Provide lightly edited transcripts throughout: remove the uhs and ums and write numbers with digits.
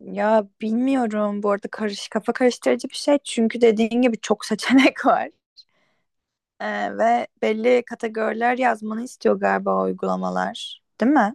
Ya bilmiyorum, bu arada kafa karıştırıcı bir şey, çünkü dediğin gibi çok seçenek var. Ve belli kategoriler yazmanı istiyor galiba o uygulamalar, değil mi?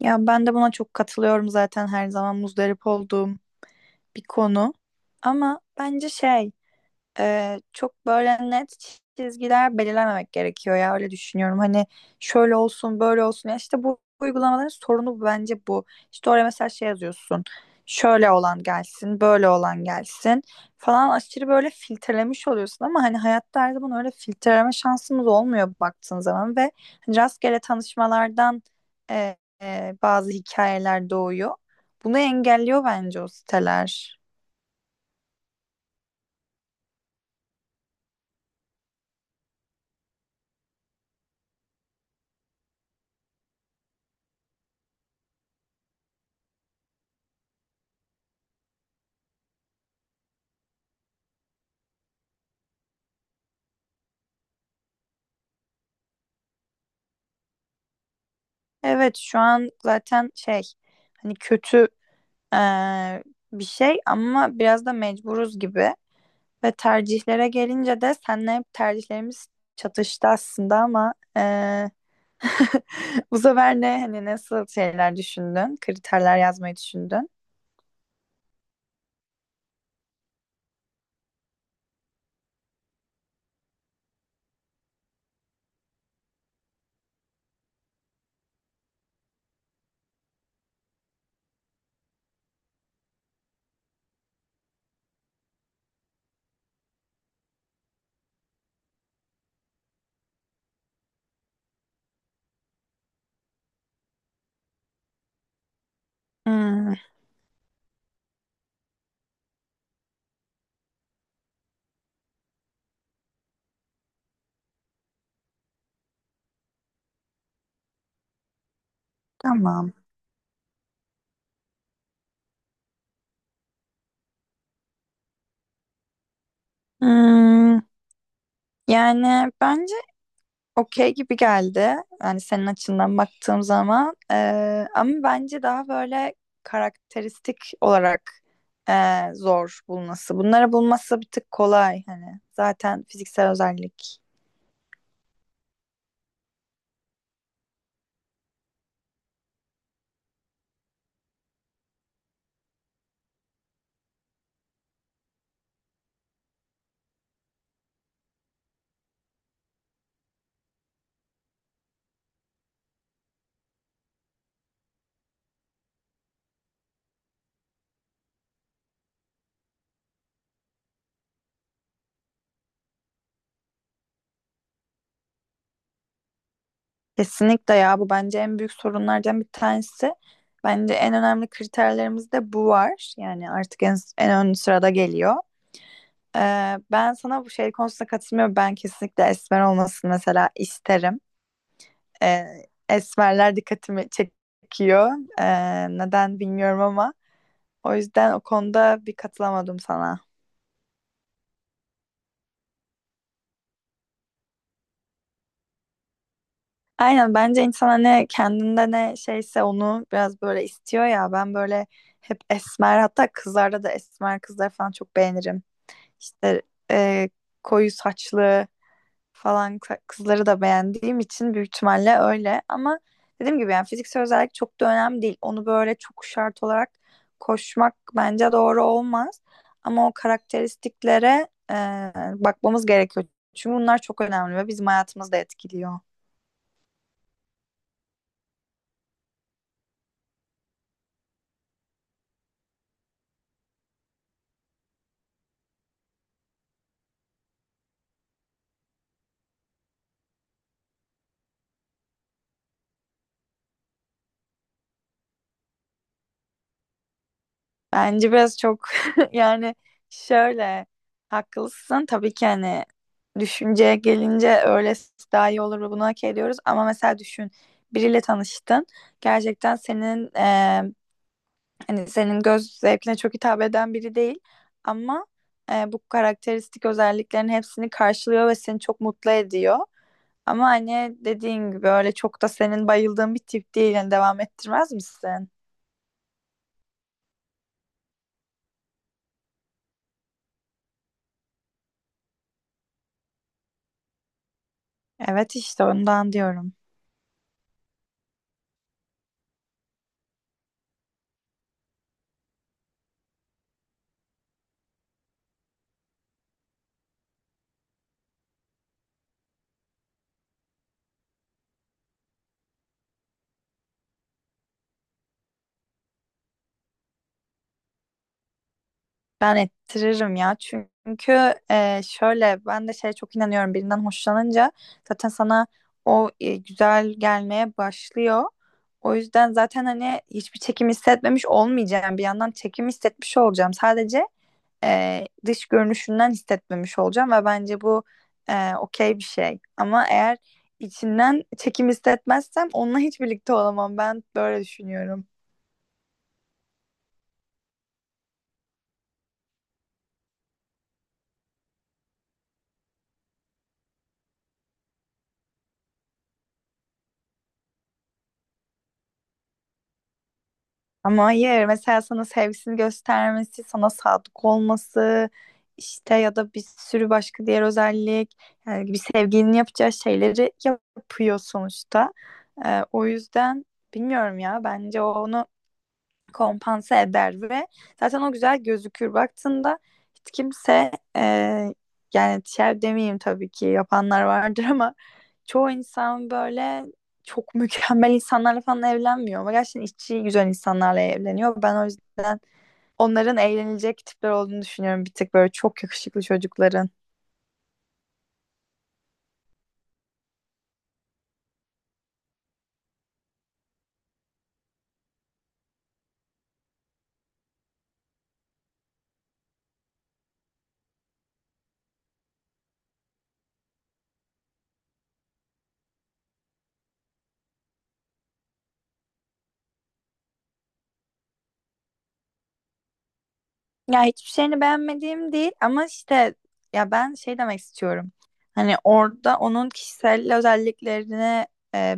Ya ben de buna çok katılıyorum, zaten her zaman muzdarip olduğum bir konu. Ama bence çok böyle net çizgiler belirlememek gerekiyor ya, öyle düşünüyorum. Hani şöyle olsun, böyle olsun ya, işte bu uygulamaların sorunu bence bu. İşte oraya mesela şey yazıyorsun. Şöyle olan gelsin, böyle olan gelsin falan, aşırı böyle filtrelemiş oluyorsun ama hani hayatta her zaman öyle filtreleme şansımız olmuyor baktığın zaman. Ve hani rastgele tanışmalardan bazı hikayeler doğuyor. Bunu engelliyor bence o siteler. Evet, şu an zaten şey, hani kötü eee, bir şey ama biraz da mecburuz gibi. Ve tercihlere gelince de seninle hep tercihlerimiz çatıştı aslında, ama bu sefer ne, hani nasıl şeyler düşündün, kriterler yazmayı düşündün? Hmm, tamam. Hmm, yani bence okey gibi geldi. Yani senin açından baktığım zaman. Ama bence daha böyle karakteristik olarak zor bulması. Bunları bulması bir tık kolay hani. Zaten fiziksel özellik. Kesinlikle ya, bu bence en büyük sorunlardan bir tanesi. Bence en önemli kriterlerimizde bu var. Yani artık en ön sırada geliyor. Ben sana bu şey konusunda katılmıyorum. Ben kesinlikle esmer olmasını mesela isterim. e, Esmerler dikkatimi çekiyor. E, Neden bilmiyorum ama o yüzden o konuda bir katılamadım sana. Aynen, bence insan ne kendinde ne şeyse onu biraz böyle istiyor ya, ben böyle hep esmer, hatta kızlarda da esmer kızlar falan çok beğenirim. İşte e, koyu saçlı falan kızları da beğendiğim için büyük ihtimalle öyle. Ama dediğim gibi, yani fiziksel özellik çok da önemli değil. Onu böyle çok şart olarak koşmak bence doğru olmaz. Ama o karakteristiklere bakmamız gerekiyor. Çünkü bunlar çok önemli ve bizim hayatımızı da etkiliyor. Bence biraz çok yani şöyle, haklısın tabii ki hani, düşünceye gelince öylesi daha iyi olur ve bunu hak ediyoruz. Ama mesela düşün, biriyle tanıştın, gerçekten senin, hani senin göz zevkine çok hitap eden biri değil ama bu karakteristik özelliklerin hepsini karşılıyor ve seni çok mutlu ediyor. Ama hani dediğin gibi öyle çok da senin bayıldığın bir tip değil. Yani devam ettirmez misin? Evet, işte ondan diyorum. Ben ettiririm ya, çünkü şöyle, ben de şeye çok inanıyorum, birinden hoşlanınca zaten sana o güzel gelmeye başlıyor. O yüzden zaten hani hiçbir çekim hissetmemiş olmayacağım, bir yandan çekim hissetmiş olacağım, sadece dış görünüşünden hissetmemiş olacağım ve bence bu okey bir şey. Ama eğer içinden çekim hissetmezsem onunla hiç birlikte olamam, ben böyle düşünüyorum. Ama hayır, mesela sana sevgisini göstermesi, sana sadık olması, işte ya da bir sürü başka diğer özellik, yani bir sevgilinin yapacağı şeyleri yapıyor sonuçta. O yüzden bilmiyorum ya, bence o onu kompanse eder ve zaten o güzel gözükür. Baktığında hiç kimse e, yani şer demeyeyim, tabii ki yapanlar vardır ama çoğu insan böyle çok mükemmel insanlarla falan evlenmiyor, ama gerçekten içi güzel insanlarla evleniyor. Ben o yüzden onların eğlenilecek tipler olduğunu düşünüyorum, bir tık böyle çok yakışıklı çocukların. Ya hiçbir şeyini beğenmediğim değil, ama işte ya ben şey demek istiyorum. Hani orada onun kişisel özelliklerine e,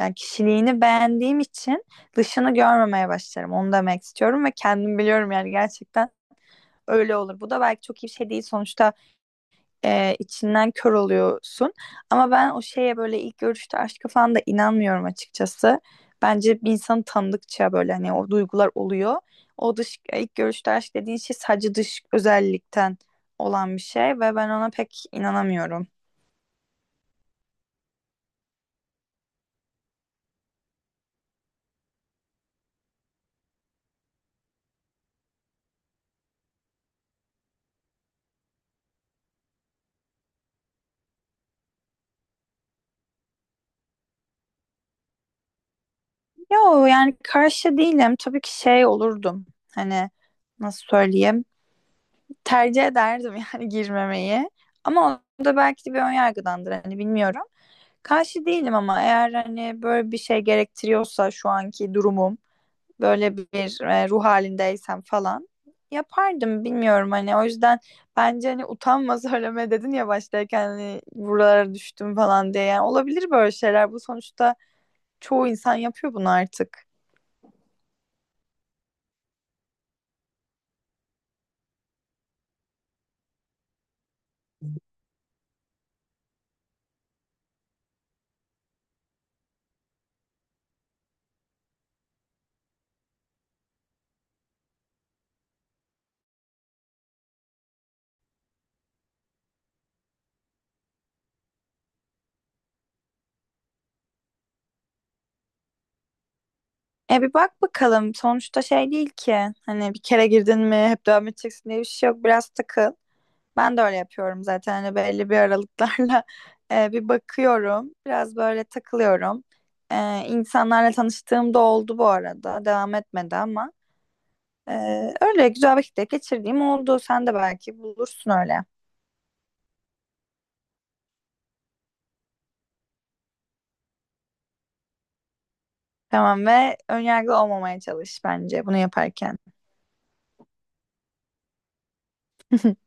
Yani kişiliğini beğendiğim için dışını görmemeye başlarım. Onu demek istiyorum ve kendim biliyorum, yani gerçekten öyle olur. Bu da belki çok iyi bir şey değil. Sonuçta içinden kör oluyorsun. Ama ben o şeye, böyle ilk görüşte aşka falan da inanmıyorum açıkçası. Bence bir insanı tanıdıkça böyle hani o duygular oluyor. O dış ilk görüşte aşk dediğin şey sadece dış özellikten olan bir şey ve ben ona pek inanamıyorum. Yo, yani karşı değilim. Tabii ki şey olurdum, hani nasıl söyleyeyim, tercih ederdim yani girmemeyi. Ama o da belki de bir ön yargıdandır hani, bilmiyorum. Karşı değilim ama eğer hani böyle bir şey gerektiriyorsa, şu anki durumum böyle bir ruh halindeysem falan, yapardım, bilmiyorum hani. O yüzden bence hani utanma söyleme dedin ya baştayken, hani buralara düştüm falan diye, yani olabilir böyle şeyler bu, sonuçta çoğu insan yapıyor bunu artık. E bir bak bakalım, sonuçta şey değil ki, hani bir kere girdin mi hep devam edeceksin diye bir şey yok, biraz takıl. Ben de öyle yapıyorum zaten, hani belli bir aralıklarla bir bakıyorum. Biraz böyle takılıyorum. İnsanlarla tanıştığım da oldu bu arada. Devam etmedi ama e, öyle güzel vakitler geçirdiğim oldu. Sen de belki bulursun öyle. Tamam, ve önyargılı olmamaya çalış bence bunu yaparken.